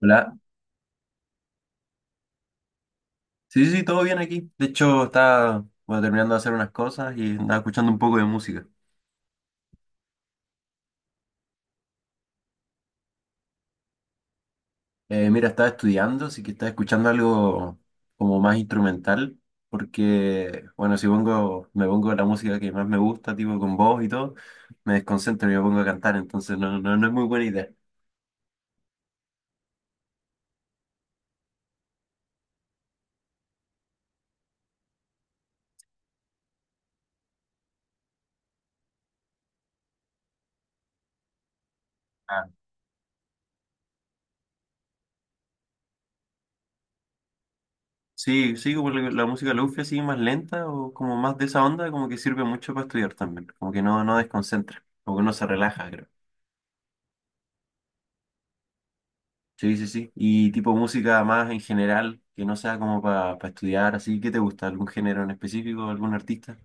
Hola. Sí, sí, sí, todo bien aquí. De hecho, estaba bueno, terminando de hacer unas cosas y andaba escuchando un poco de música. Mira, estaba estudiando, así que estaba escuchando algo como más instrumental, porque, bueno, si pongo, me pongo la música que más me gusta, tipo con voz y todo, me desconcentro y me pongo a cantar, entonces no, no, no es muy buena idea. Ah. Sí, sí, como la música lofi así más lenta o como más de esa onda, como que sirve mucho para estudiar también, como que no, no desconcentra, como que no se relaja, creo. Sí, sí, sí. Y tipo música más en general, que no sea como para estudiar, así. ¿Qué te gusta? ¿Algún género en específico? ¿Algún artista?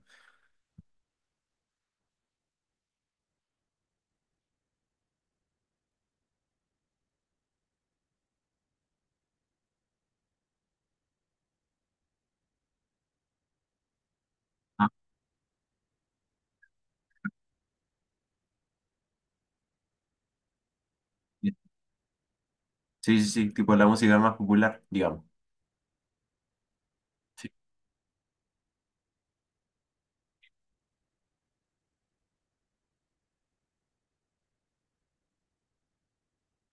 Ah, bien. Sí, sí, sí. Tipo la música más popular, digamos. Sí.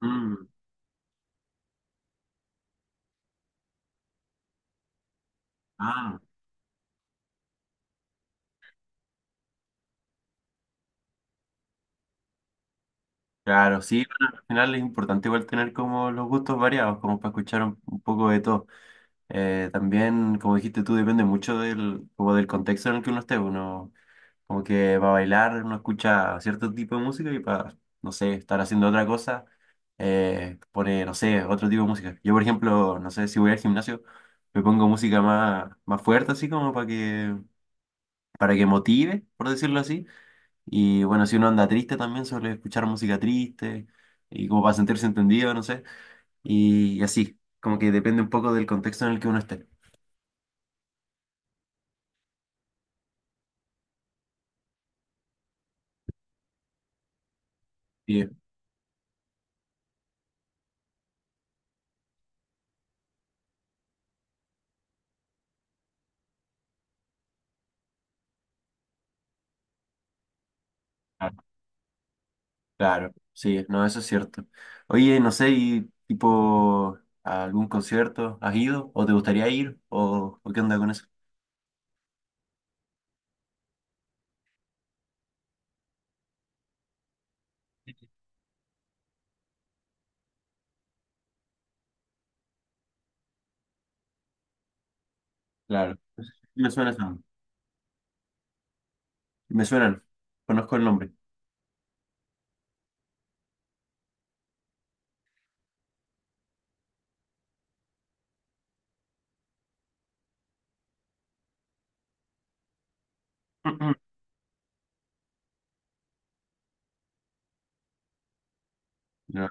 Mm, Ah, claro, sí. Bueno, al final es importante igual tener como los gustos variados, como para escuchar un poco de todo. También, como dijiste tú, depende mucho del, como del contexto en el que uno esté. Uno, como que para bailar uno escucha cierto tipo de música y para, no sé, estar haciendo otra cosa, pone, no sé, otro tipo de música. Yo, por ejemplo, no sé, si voy al gimnasio, me pongo música más, más fuerte, así como para que motive, por decirlo así. Y bueno, si uno anda triste también, suele escuchar música triste y como para sentirse entendido, no sé. Y así, como que depende un poco del contexto en el que uno esté. Sí, claro, sí, no, eso es cierto. Oye, no sé, y tipo, ¿a algún concierto has ido o te gustaría ir o qué onda con eso? Claro. Me suenan, me suenan, conozco el nombre. No,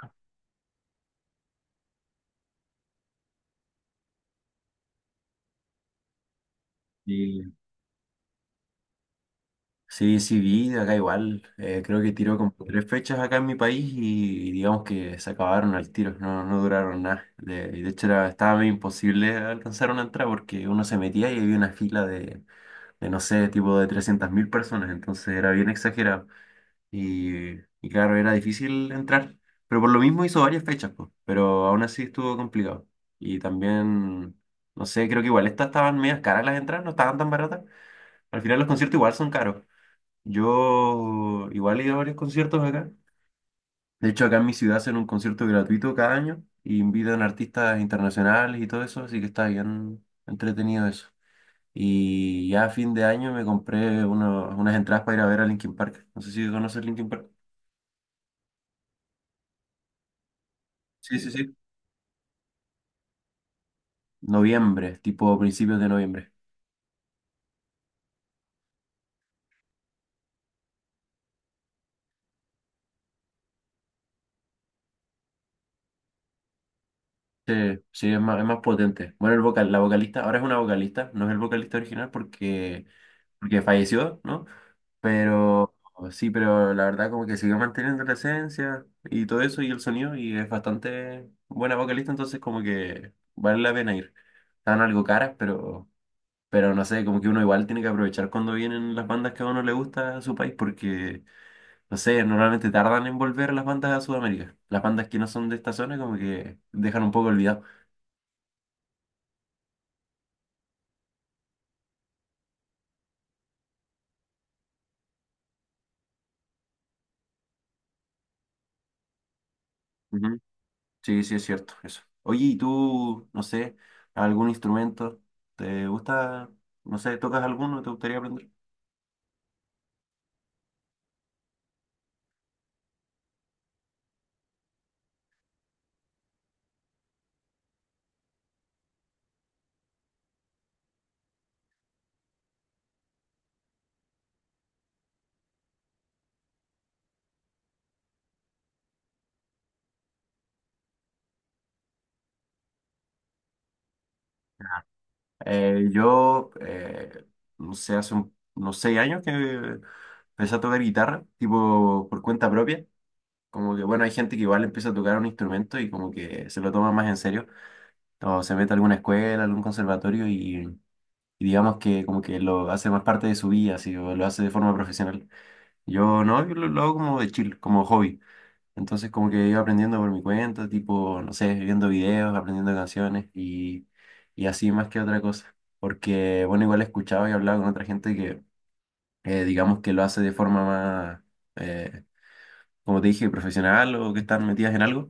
sí, sí, sí vi acá igual, creo que tiró como tres fechas acá en mi país y, digamos que se acabaron al tiro, no, no duraron nada. De hecho era, estaba medio imposible alcanzar una entrada porque uno se metía y había una fila de, no sé, tipo de 300.000 personas, entonces era bien exagerado. Y, y claro, era difícil entrar, pero por lo mismo hizo varias fechas, pues, pero aún así estuvo complicado. Y también, no sé, creo que igual estas estaban medias caras las entradas, no estaban tan baratas. Al final los conciertos igual son caros. Yo igual he ido a varios conciertos acá. De hecho, acá en mi ciudad hacen un concierto gratuito cada año y invitan artistas internacionales y todo eso, así que está bien entretenido eso. Y ya a fin de año me compré unas entradas para ir a ver a Linkin Park. No sé si conoces Linkin Park. Sí, sí, sí. Noviembre, tipo principios de noviembre. Sí, sí, es más potente. Bueno, el vocal, la vocalista, ahora es una vocalista, no es el vocalista original porque falleció, ¿no? Pero sí, pero la verdad como que siguió manteniendo la esencia y todo eso y el sonido y es bastante buena vocalista, entonces como que vale la pena ir. Están algo caras, pero no sé, como que uno igual tiene que aprovechar cuando vienen las bandas que a uno le gusta a su país porque no sé, normalmente tardan en volver las bandas a Sudamérica. Las bandas que no son de esta zona como que dejan un poco olvidado. Ujú. Sí, sí, es cierto, eso. Oye, ¿y tú, no sé, algún instrumento? ¿Te gusta, no sé, tocas alguno? ¿Te gustaría aprender? Yo, no sé, hace unos 6 años que empecé a tocar guitarra, tipo por cuenta propia. Como que, bueno, hay gente que igual empieza a tocar un instrumento y como que se lo toma más en serio. O se mete a alguna escuela, algún conservatorio y digamos que como que lo hace más parte de su vida, así, o lo hace de forma profesional. Yo no, yo lo hago como de chill, como hobby. Entonces como que iba aprendiendo por mi cuenta, tipo, no sé, viendo videos, aprendiendo canciones y así más que otra cosa. Porque, bueno, igual he escuchado y hablado con otra gente que, digamos que lo hace de forma más, eh, como te dije, profesional o que están metidas en algo.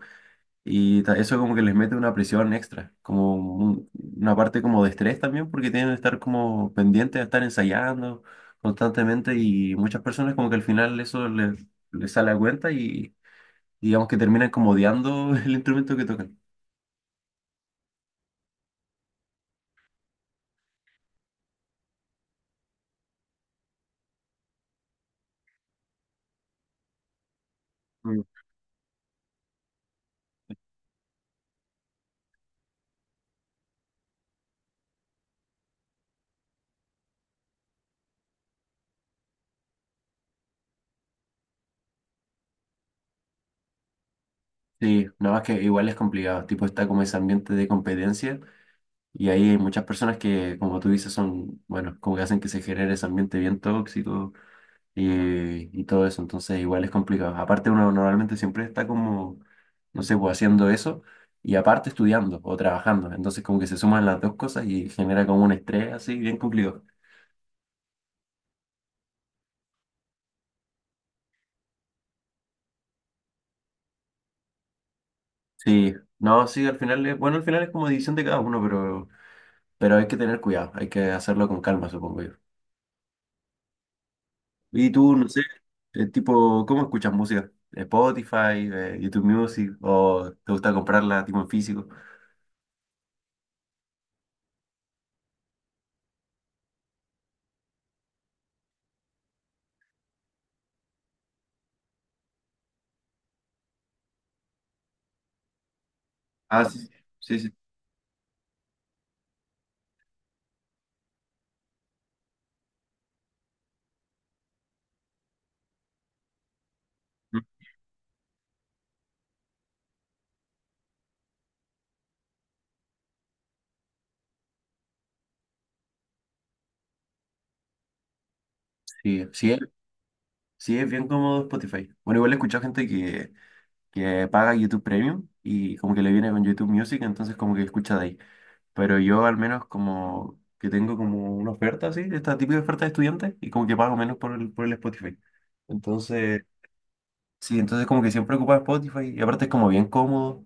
Y eso como que les mete una presión extra, como una parte como de estrés también, porque tienen que estar como pendientes de estar ensayando constantemente y muchas personas como que al final eso les sale a cuenta y digamos que terminan como odiando el instrumento que tocan. Mm. Sí, nada más que igual es complicado, tipo está como ese ambiente de competencia y ahí hay muchas personas que como tú dices son, bueno, como que hacen que se genere ese ambiente bien tóxico y todo eso. Entonces igual es complicado. Aparte uno normalmente siempre está como, no sé, pues haciendo eso y aparte estudiando o trabajando. Entonces como que se suman las dos cosas y genera como un estrés así bien complicado. Sí, no, sí, al final es, bueno, al final es como división de cada uno, pero hay que tener cuidado, hay que hacerlo con calma, supongo yo. Y tú, no sé, tipo, ¿cómo escuchas música? Spotify, YouTube Music, o te gusta comprarla tipo en físico. Ah, sí, sí, sí. Sí. Sí, sí, sí, es bien cómodo Spotify. Bueno, igual he escuchado gente que paga YouTube Premium y como que le viene con YouTube Music, entonces como que escucha de ahí. Pero yo al menos como que tengo como una oferta así, esta típica oferta de estudiante y como que pago menos por el Spotify. Entonces, sí, entonces como que siempre ocupa Spotify y aparte es como bien cómodo.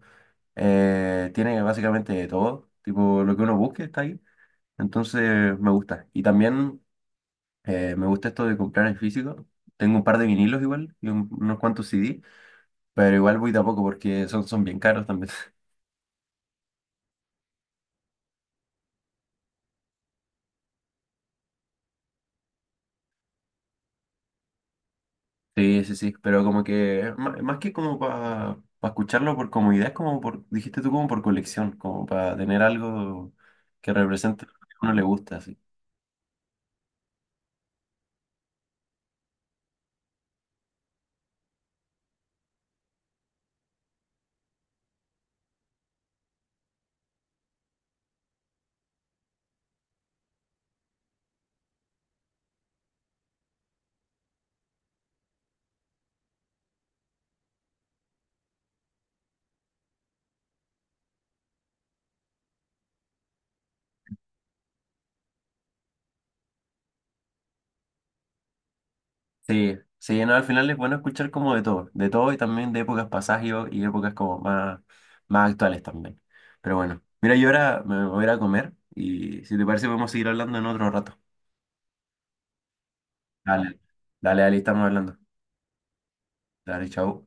Tiene básicamente de todo, tipo lo que uno busque está ahí. Entonces me gusta. Y también me gusta esto de comprar en físico. Tengo un par de vinilos igual y unos cuantos CD. Pero igual voy tampoco porque son, bien caros también. Sí, sí, sí, pero como que más, que como para escucharlo por comodidad, es como por, dijiste tú, como por colección, como para tener algo que represente lo que a uno le gusta, sí. Sí, sí, no, al final es bueno escuchar como de todo y también de épocas pasadas y épocas como más, más actuales también. Pero bueno, mira, yo ahora me voy a ir a comer y si te parece podemos seguir hablando en otro rato. Dale, dale, dale, estamos hablando. Dale, chao.